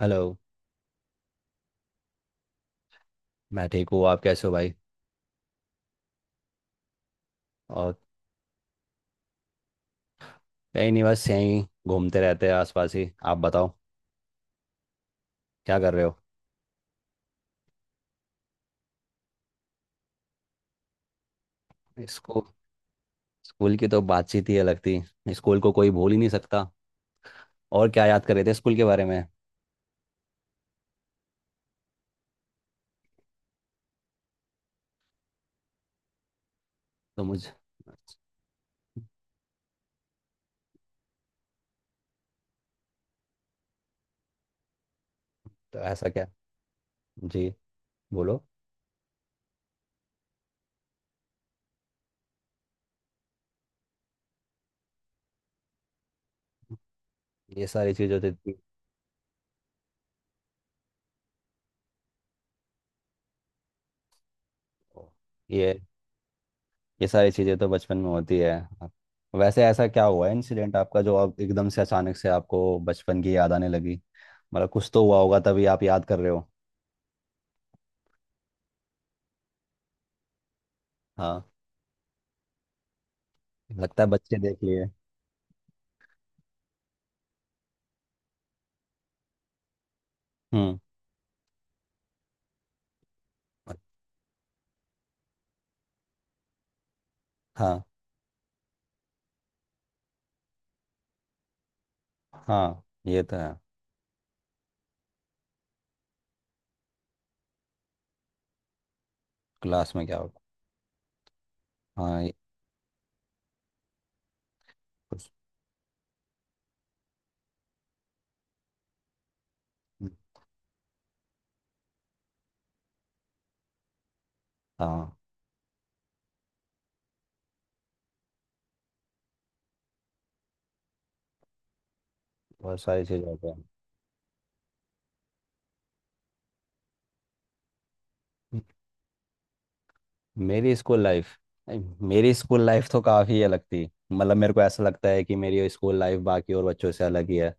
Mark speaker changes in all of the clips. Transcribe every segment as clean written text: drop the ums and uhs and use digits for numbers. Speaker 1: Hello. मैं ठीक हूँ, आप कैसे हो भाई? और कहीं नहीं, बस यहीं घूमते रहते हैं आसपास ही। आप बताओ क्या कर रहे हो? इसको स्कूल की तो बातचीत ही अलग थी। स्कूल को कोई भूल ही नहीं सकता। और क्या याद कर रहे थे स्कूल के बारे में? तो मुझे तो ऐसा क्या? जी, बोलो। ये सारी चीज़ें होती थी। ये ये सारी चीज़ें तो बचपन में होती है। वैसे ऐसा क्या हुआ है इंसिडेंट आपका जो अब एकदम से अचानक से आपको बचपन की याद आने लगी? मतलब कुछ तो हुआ होगा तभी आप याद कर रहे हो। हाँ, लगता है बच्चे देख लिए। हम्म। हाँ। हाँ ये तो है। क्लास में क्या होता है। हाँ ये कुछ- हाँ बहुत सारी चीज़ होती है। मेरी स्कूल लाइफ। मेरी स्कूल लाइफ तो काफ़ी अलग थी। मतलब मेरे को ऐसा लगता है कि मेरी स्कूल लाइफ बाकी और बच्चों से अलग ही है।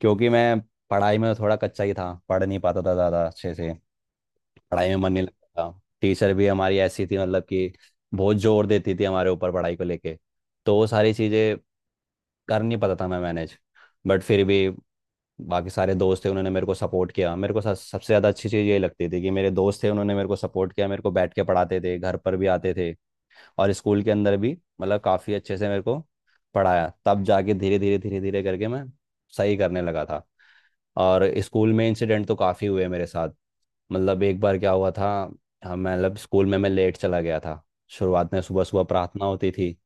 Speaker 1: क्योंकि मैं पढ़ाई में तो थोड़ा कच्चा ही था, पढ़ नहीं पाता था ज़्यादा अच्छे से। पढ़ाई में मन नहीं लगता था। टीचर भी हमारी ऐसी थी मतलब कि बहुत जोर देती थी हमारे ऊपर पढ़ाई को लेके। तो वो सारी चीज़ें कर नहीं पाता था मैं मैनेज। बट फिर भी बाकी सारे दोस्त थे, उन्होंने मेरे को सपोर्ट किया। मेरे को सबसे ज़्यादा अच्छी चीज़ ये लगती थी कि मेरे दोस्त थे, उन्होंने मेरे को सपोर्ट किया। मेरे को बैठ के पढ़ाते थे, घर पर भी आते थे और स्कूल के अंदर भी मतलब काफ़ी अच्छे से मेरे को पढ़ाया। तब जाके धीरे धीरे करके मैं सही करने लगा था। और स्कूल में इंसिडेंट तो काफ़ी हुए मेरे साथ। मतलब एक बार क्या हुआ था, हम मतलब स्कूल में मैं लेट चला गया था। शुरुआत में सुबह सुबह प्रार्थना होती थी।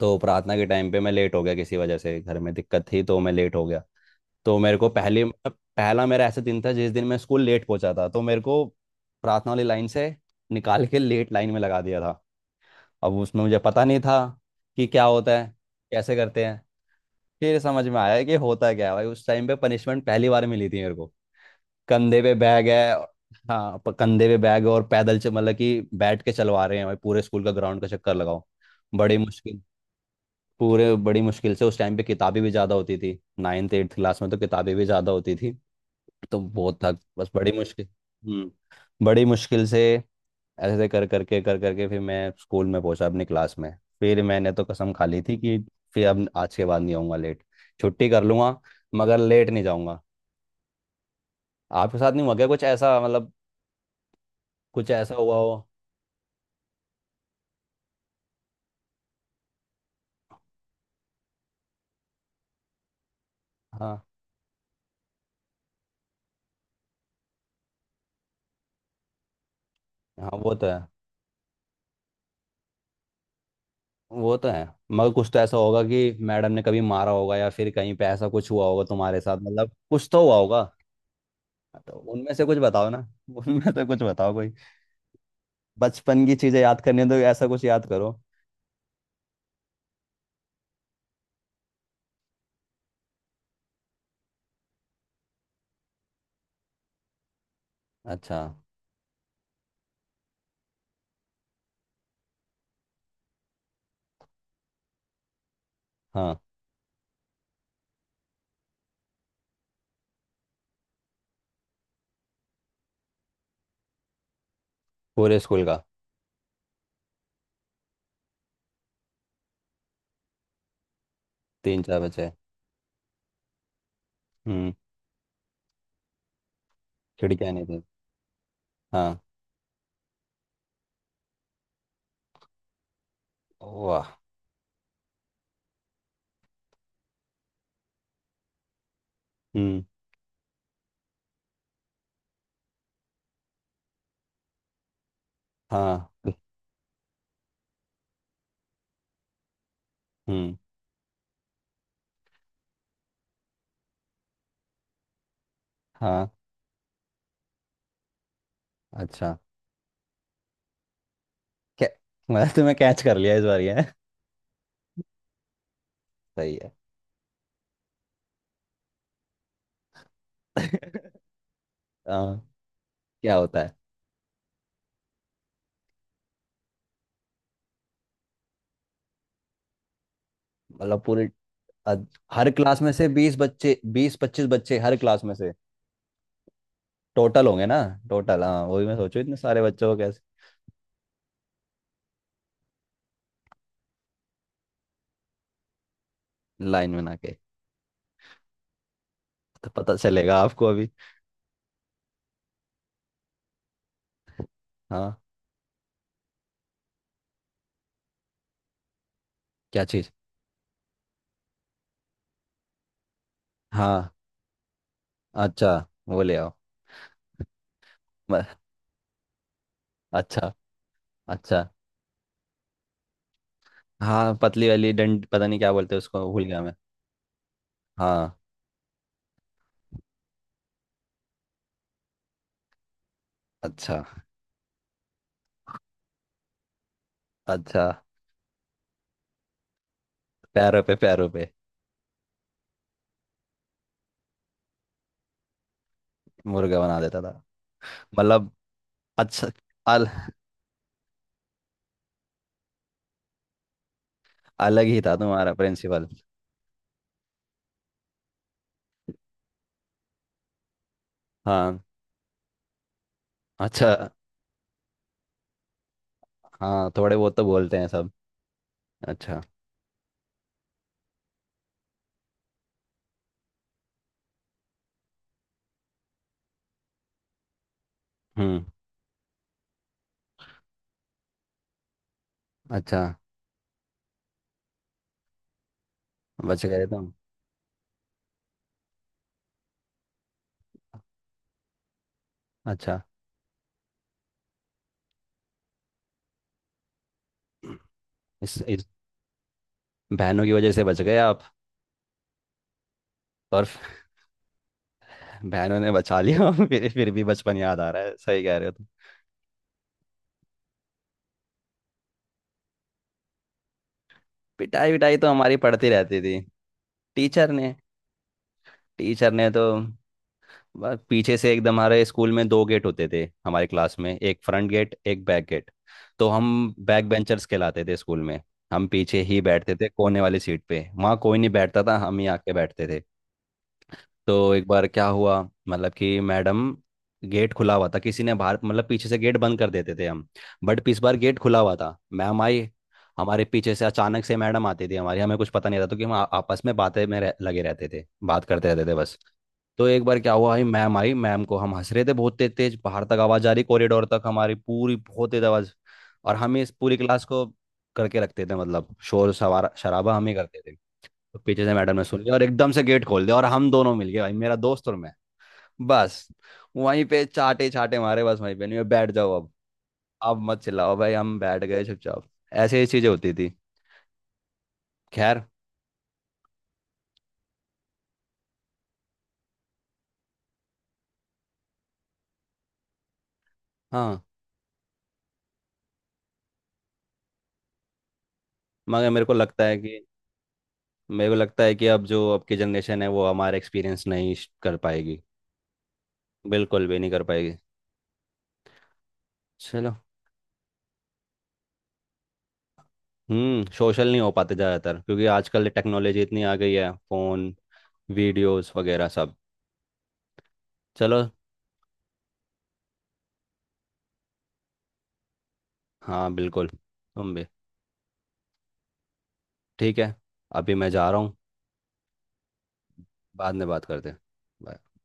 Speaker 1: तो प्रार्थना के टाइम पे मैं लेट हो गया, किसी वजह से घर में दिक्कत थी तो मैं लेट हो गया। तो मेरे को पहली पहला मेरा ऐसा दिन था जिस दिन मैं स्कूल लेट पहुंचा था। तो मेरे को प्रार्थना वाली लाइन से निकाल के लेट लाइन में लगा दिया था। अब उसमें मुझे पता नहीं था कि क्या होता है, कैसे करते हैं। फिर समझ में आया कि होता क्या है भाई। उस टाइम पे पनिशमेंट पहली बार मिली थी मेरे को। कंधे पे बैग है। हाँ कंधे पे बैग और पैदल से, मतलब कि बैठ के चलवा रहे हैं भाई, पूरे स्कूल का ग्राउंड का चक्कर लगाओ। बड़ी मुश्किल। पूरे बड़ी मुश्किल से। उस टाइम पे किताबें भी ज़्यादा होती थी, नाइन्थ एट्थ क्लास में तो किताबें भी ज़्यादा होती थी। तो बहुत था, बस बड़ी मुश्किल। हम्म बड़ी मुश्किल से ऐसे कर करके फिर मैं स्कूल में पहुंचा अपनी क्लास में। फिर मैंने तो कसम खा ली थी कि फिर अब आज के बाद नहीं आऊँगा लेट। छुट्टी कर लूँगा मगर लेट नहीं जाऊँगा। आपके साथ नहीं हुआ क्या कुछ ऐसा, मतलब कुछ ऐसा हुआ हो? हाँ हाँ। वो तो है। वो तो है मगर कुछ तो ऐसा होगा कि मैडम ने कभी मारा होगा या फिर कहीं पे ऐसा कुछ हुआ होगा तुम्हारे साथ, मतलब कुछ तो हुआ होगा। तो उनमें से कुछ बताओ ना। उनमें से कुछ बताओ कोई। बचपन की चीजें याद करनी है तो ऐसा कुछ याद करो। अच्छा। हाँ। पूरे स्कूल का। तीन चार बच्चे। हम्म। खिड़कियाँ नहीं थी। हाँ। वाह। हम्म। हाँ। हम्म। हाँ। अच्छा। क्या, मतलब तुम्हें कैच कर लिया इस बार ये? सही है। हाँ, क्या होता है? मतलब पूरी? अद- हर क्लास में से बीस बच्चे, बीस पच्चीस बच्चे हर क्लास में से? टोटल होंगे ना? टोटल हाँ, वही मैं सोचू इतने सारे बच्चों को कैसे। लाइन बना के? तो पता चलेगा आपको अभी। हाँ। क्या चीज? हाँ। अच्छा, वो ले आओ। म- अच्छा। अच्छा। हाँ पतली वाली डंड, पता नहीं क्या बोलते हैं उसको, भूल गया मैं। हाँ। अच्छा। अच्छा। पैरों पे, पैरों पे। मुर्गा बना देता था? मतलब। अच्छा। अल, अलग ही था तुम्हारा प्रिंसिपल। हाँ। अच्छा। हाँ थोड़े बहुत तो बोलते हैं सब। अच्छा। हम्म। अच्छा। बच गए तुम। अच्छा। इस बहनों की वजह से बच गए आप? और फिर बहनों ने बचा लिया। फिर भी बचपन याद आ रहा है, सही कह रहे हो तुम। पिटाई विटाई तो हमारी पड़ती रहती थी। टीचर ने। टीचर ने तो बस पीछे से एकदम, हमारे स्कूल में दो गेट होते थे, हमारे क्लास में एक फ्रंट गेट एक बैक गेट। तो हम बैक बेंचर्स कहलाते थे स्कूल में। हम पीछे ही बैठते थे कोने वाली सीट पे, वहाँ कोई नहीं बैठता था, हम ही आके बैठते थे। तो एक बार क्या हुआ, मतलब कि मैडम, गेट खुला हुआ था, किसी ने बाहर, मतलब पीछे से गेट बंद कर देते थे हम। बट इस बार गेट खुला हुआ था, मैम आई हमारे पीछे से। अचानक से मैडम आती थी हमारी, हमें कुछ पता नहीं रहता क्योंकि हम आपस में बातें में लगे रहते थे बात करते रहते थे बस। तो एक बार क्या हुआ, आई मैम, आई मैम को हम हंस रहे थे बहुत तेज तेज, बाहर तक आवाज आ रही कॉरिडोर तक हमारी, पूरी बहुत तेज आवाज। और हम इस पूरी क्लास को करके रखते थे, मतलब शोर सवार शराबा हम ही करते थे। तो पीछे से मैडम ने सुन लिया और एकदम से गेट खोल दिया और हम दोनों मिल गए भाई, मेरा दोस्त और मैं। बस वहीं पे चाटे चाटे मारे। बस वहीं पे, नहीं बैठ जाओ अब मत चिल्लाओ भाई, हम बैठ गए चुपचाप। ऐसे ही चीजें होती थी। खैर। हाँ। मगर मेरे को लगता है कि मेरे को लगता है कि अब जो अब की जनरेशन है वो हमारा एक्सपीरियंस नहीं कर पाएगी। बिल्कुल भी नहीं कर पाएगी। चलो। सोशल नहीं हो पाते ज़्यादातर क्योंकि आजकल टेक्नोलॉजी इतनी आ गई है, फ़ोन, वीडियोस वगैरह सब। चलो। हाँ बिल्कुल, तुम भी। ठीक है, अभी मैं जा रहा हूँ। बाद में बात करते हैं। Bye.